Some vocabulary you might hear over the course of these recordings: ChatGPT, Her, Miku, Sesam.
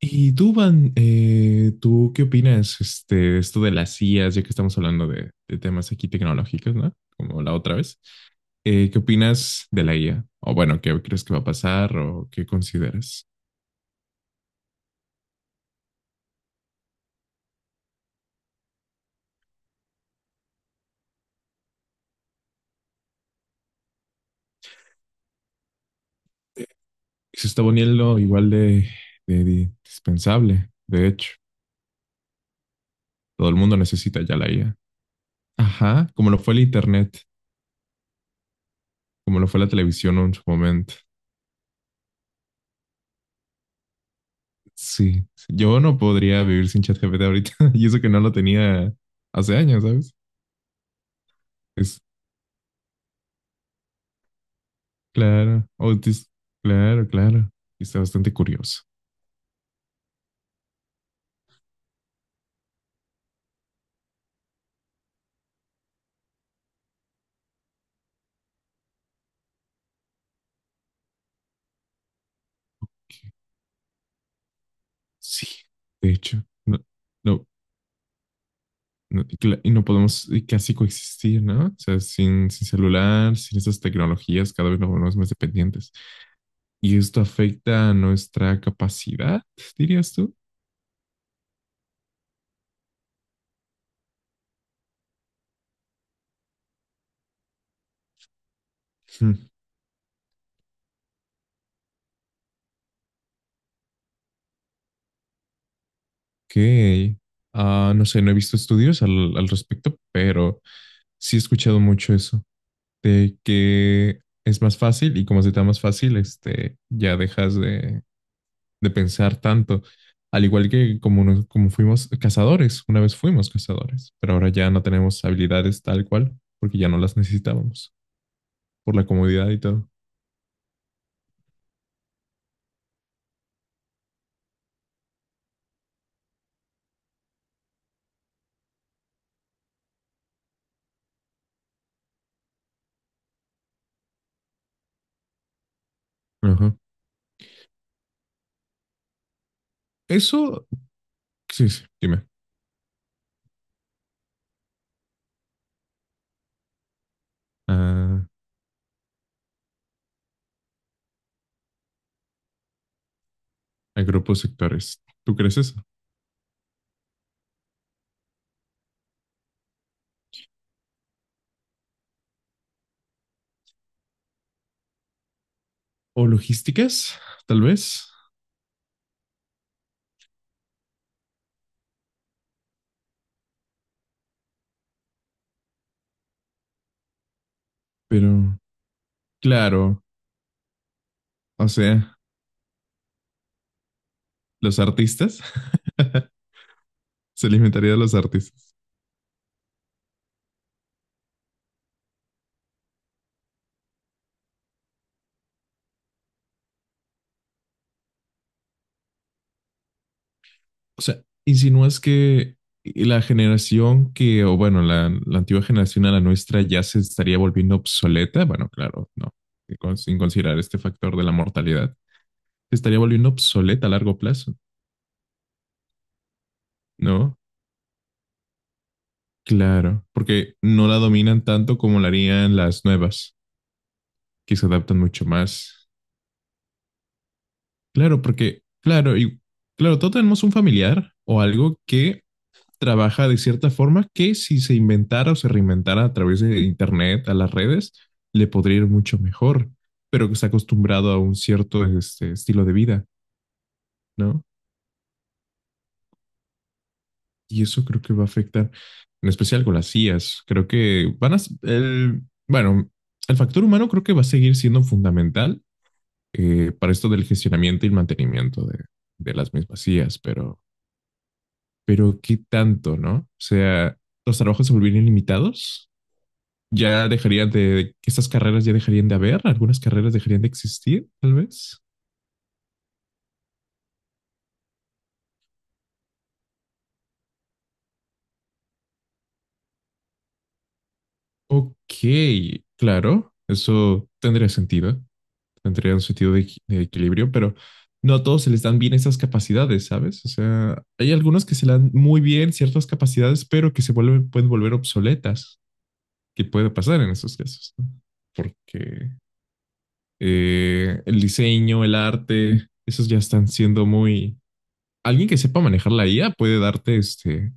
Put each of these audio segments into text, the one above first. Y tú, Van, ¿tú qué opinas de esto de las IAs, ya que estamos hablando de temas aquí tecnológicos, ¿no? Como la otra vez. ¿Qué opinas de la IA? O bueno, ¿qué crees que va a pasar o qué consideras? Se está poniendo igual de indispensable, de hecho. Todo el mundo necesita ya la IA. Ajá, como lo fue el Internet, como lo fue la televisión en su momento. Sí, sí, yo no podría vivir sin ChatGPT ahorita y eso que no lo tenía hace años, ¿sabes? Claro, Otis, claro, claro. Y está bastante curioso. Sí, de hecho, no, no, no, y no podemos casi coexistir, ¿no? O sea, sin celular, sin esas tecnologías, cada vez nos volvemos más dependientes. Y esto afecta a nuestra capacidad, dirías tú. Hmm, Ok. No sé, no he visto estudios al respecto, pero sí he escuchado mucho eso, de que es más fácil y como se te da más fácil, ya dejas de pensar tanto. Al igual que como, como fuimos cazadores, una vez fuimos cazadores, pero ahora ya no tenemos habilidades tal cual, porque ya no las necesitábamos, por la comodidad y todo. Ajá. Eso, sí, sí, dime. Ah, a grupos sectores. ¿Tú crees eso? O logísticas, tal vez, pero claro. O sea, los artistas. Se alimentaría de los artistas. O sea, insinúas que la generación que, o bueno, la antigua generación a la nuestra ya se estaría volviendo obsoleta. Bueno, claro, no. Sin considerar este factor de la mortalidad. Se estaría volviendo obsoleta a largo plazo, ¿no? Claro, porque no la dominan tanto como la harían las nuevas, que se adaptan mucho más. Claro, porque, claro, y claro, todos tenemos un familiar o algo que trabaja de cierta forma que si se inventara o se reinventara a través de Internet, a las redes, le podría ir mucho mejor, pero que está acostumbrado a un cierto estilo de vida, ¿no? Y eso creo que va a afectar, en especial con las IAs. Creo que van a... El, bueno, el factor humano creo que va a seguir siendo fundamental para esto del gestionamiento y el mantenimiento de las mismas IAs, pero ¿qué tanto, no? O sea, los trabajos se volverían limitados ya dejarían estas carreras ya dejarían de haber, algunas carreras dejarían de existir, tal vez. Ok, claro, eso tendría sentido, tendría un sentido de, de equilibrio, pero no a todos se les dan bien esas capacidades, ¿sabes? O sea, hay algunos que se le dan muy bien ciertas capacidades, pero que se vuelven, pueden volver obsoletas, que puede pasar en esos casos, ¿no? Porque el diseño, el arte, esos ya están siendo muy... Alguien que sepa manejar la IA puede darte este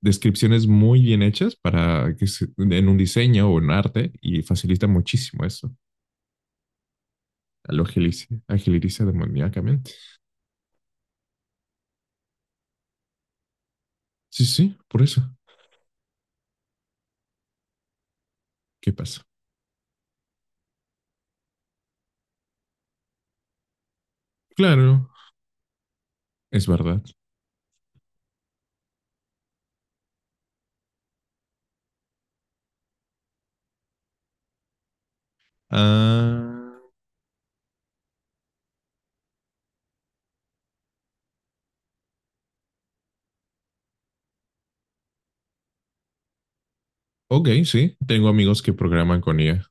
descripciones muy bien hechas para que en un diseño o en arte y facilita muchísimo eso. Lo agiliza, agiliza demoníacamente. Sí, sí, por eso. ¿Qué pasa? Claro, es verdad. Ah, ok, sí. Tengo amigos que programan con IA.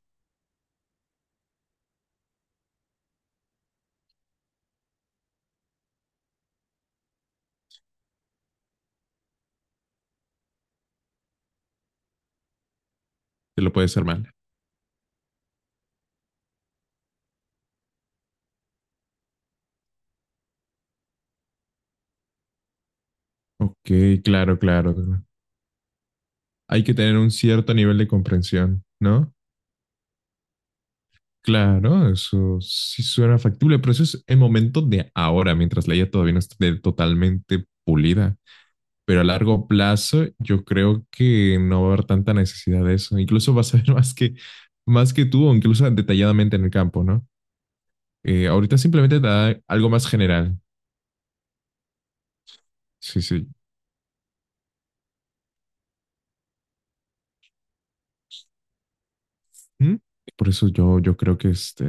Te lo puedes armar. Ok, claro, claro. Hay que tener un cierto nivel de comprensión, ¿no? Claro, eso sí suena factible, pero eso es el momento de ahora, mientras la IA todavía no esté totalmente pulida. Pero a largo plazo yo creo que no va a haber tanta necesidad de eso. Incluso vas a ver más que tú o incluso detalladamente en el campo, ¿no? Ahorita simplemente te da algo más general. Sí, sí. ¿Mm? Por eso yo, yo creo que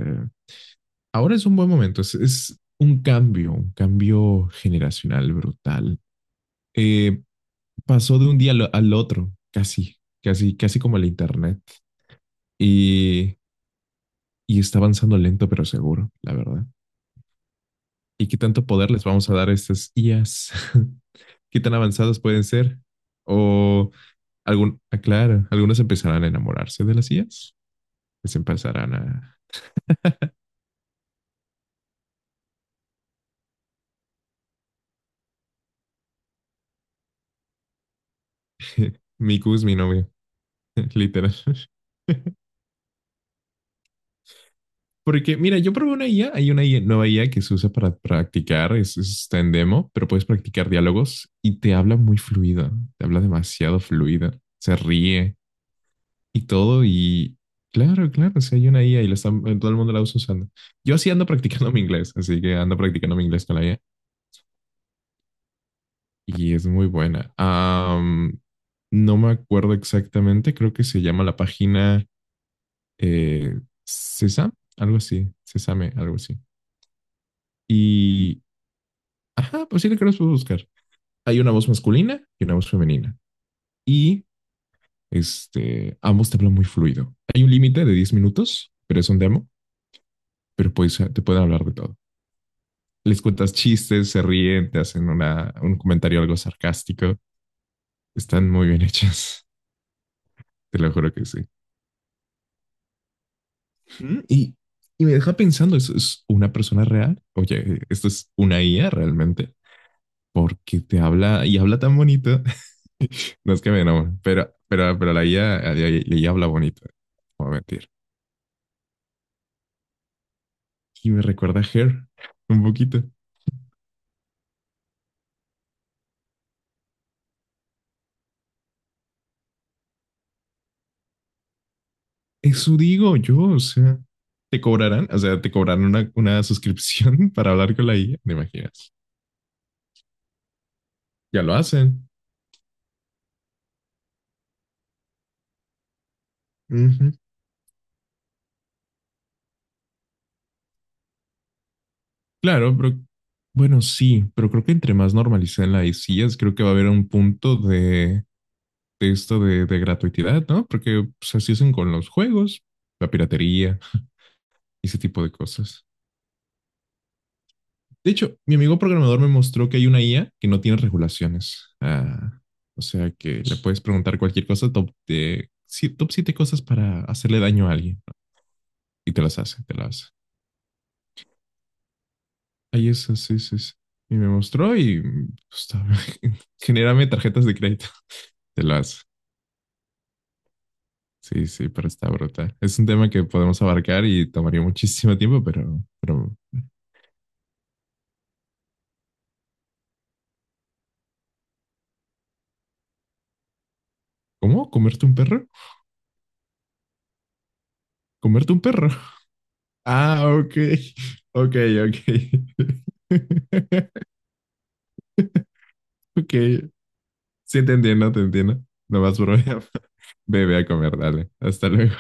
ahora es un buen momento. Es un cambio generacional brutal. Eh, Pasó de un día al otro, casi, casi, casi como el internet. Y, y está avanzando lento pero seguro, la verdad. ¿Y qué tanto poder les vamos a dar a estas IAs? ¿Qué tan avanzadas pueden ser? O algún, aclara, algunos empezarán a enamorarse de las IAs, les empezarán a... Miku es mi novio, literal. Porque, mira, yo probé una IA, hay una IA, nueva IA que se usa para practicar, está en demo, pero puedes practicar diálogos y te habla muy fluida, te habla demasiado fluida, se ríe, y todo. Y claro, claro, si hay una IA y todo el mundo la usa usando. Yo sí ando practicando mi inglés, así que ando practicando mi inglés con la IA y es muy buena. No me acuerdo exactamente, creo que se llama la página eh, Sesam, algo así, Sesame, algo así. Y, ajá, pues sí, le creo que los puedo buscar. Hay una voz masculina y una voz femenina. Y ambos te hablan muy fluido. Hay un límite de 10 minutos, pero es un demo, pero puedes, te pueden hablar de todo. Les cuentas chistes, se ríen, te hacen una, un comentario algo sarcástico. Están muy bien hechas, te lo juro que sí. Mm, Y, y me deja pensando, ¿eso es una persona real? Oye, ¿esto es una IA realmente? Porque te habla y habla tan bonito. No es que me enamore, pero la IA, la IA, la IA habla bonito. No voy a mentir. Y me recuerda a Her un poquito. Eso digo yo, o sea, te cobrarán, o sea, te cobrarán una suscripción para hablar con la IA, ¿te imaginas? Ya lo hacen. Ujú. Claro, pero bueno, sí, pero creo que entre más normalicen las ICIAs, creo que va a haber un punto de esto de gratuidad, ¿no? Porque pues, así hacen con los juegos, la piratería ese tipo de cosas. De hecho, mi amigo programador me mostró que hay una IA que no tiene regulaciones. Ah, o sea que le puedes preguntar cualquier cosa, sí, top siete cosas para hacerle daño a alguien, ¿no? Y te las hace, te las ahí es, sí, sí, sí. Y me mostró y pues, genérame tarjetas de crédito. Te lo hace. Sí, sí, pero está brutal. Es un tema que podemos abarcar y tomaría muchísimo tiempo, pero ¿cómo? ¿Comerte un perro? ¿Comerte un perro? Ah, ok. Ok, ok. Ok. Sí, te entiendo, te entiendo. No más problema. Bebé a comer, dale. Hasta luego.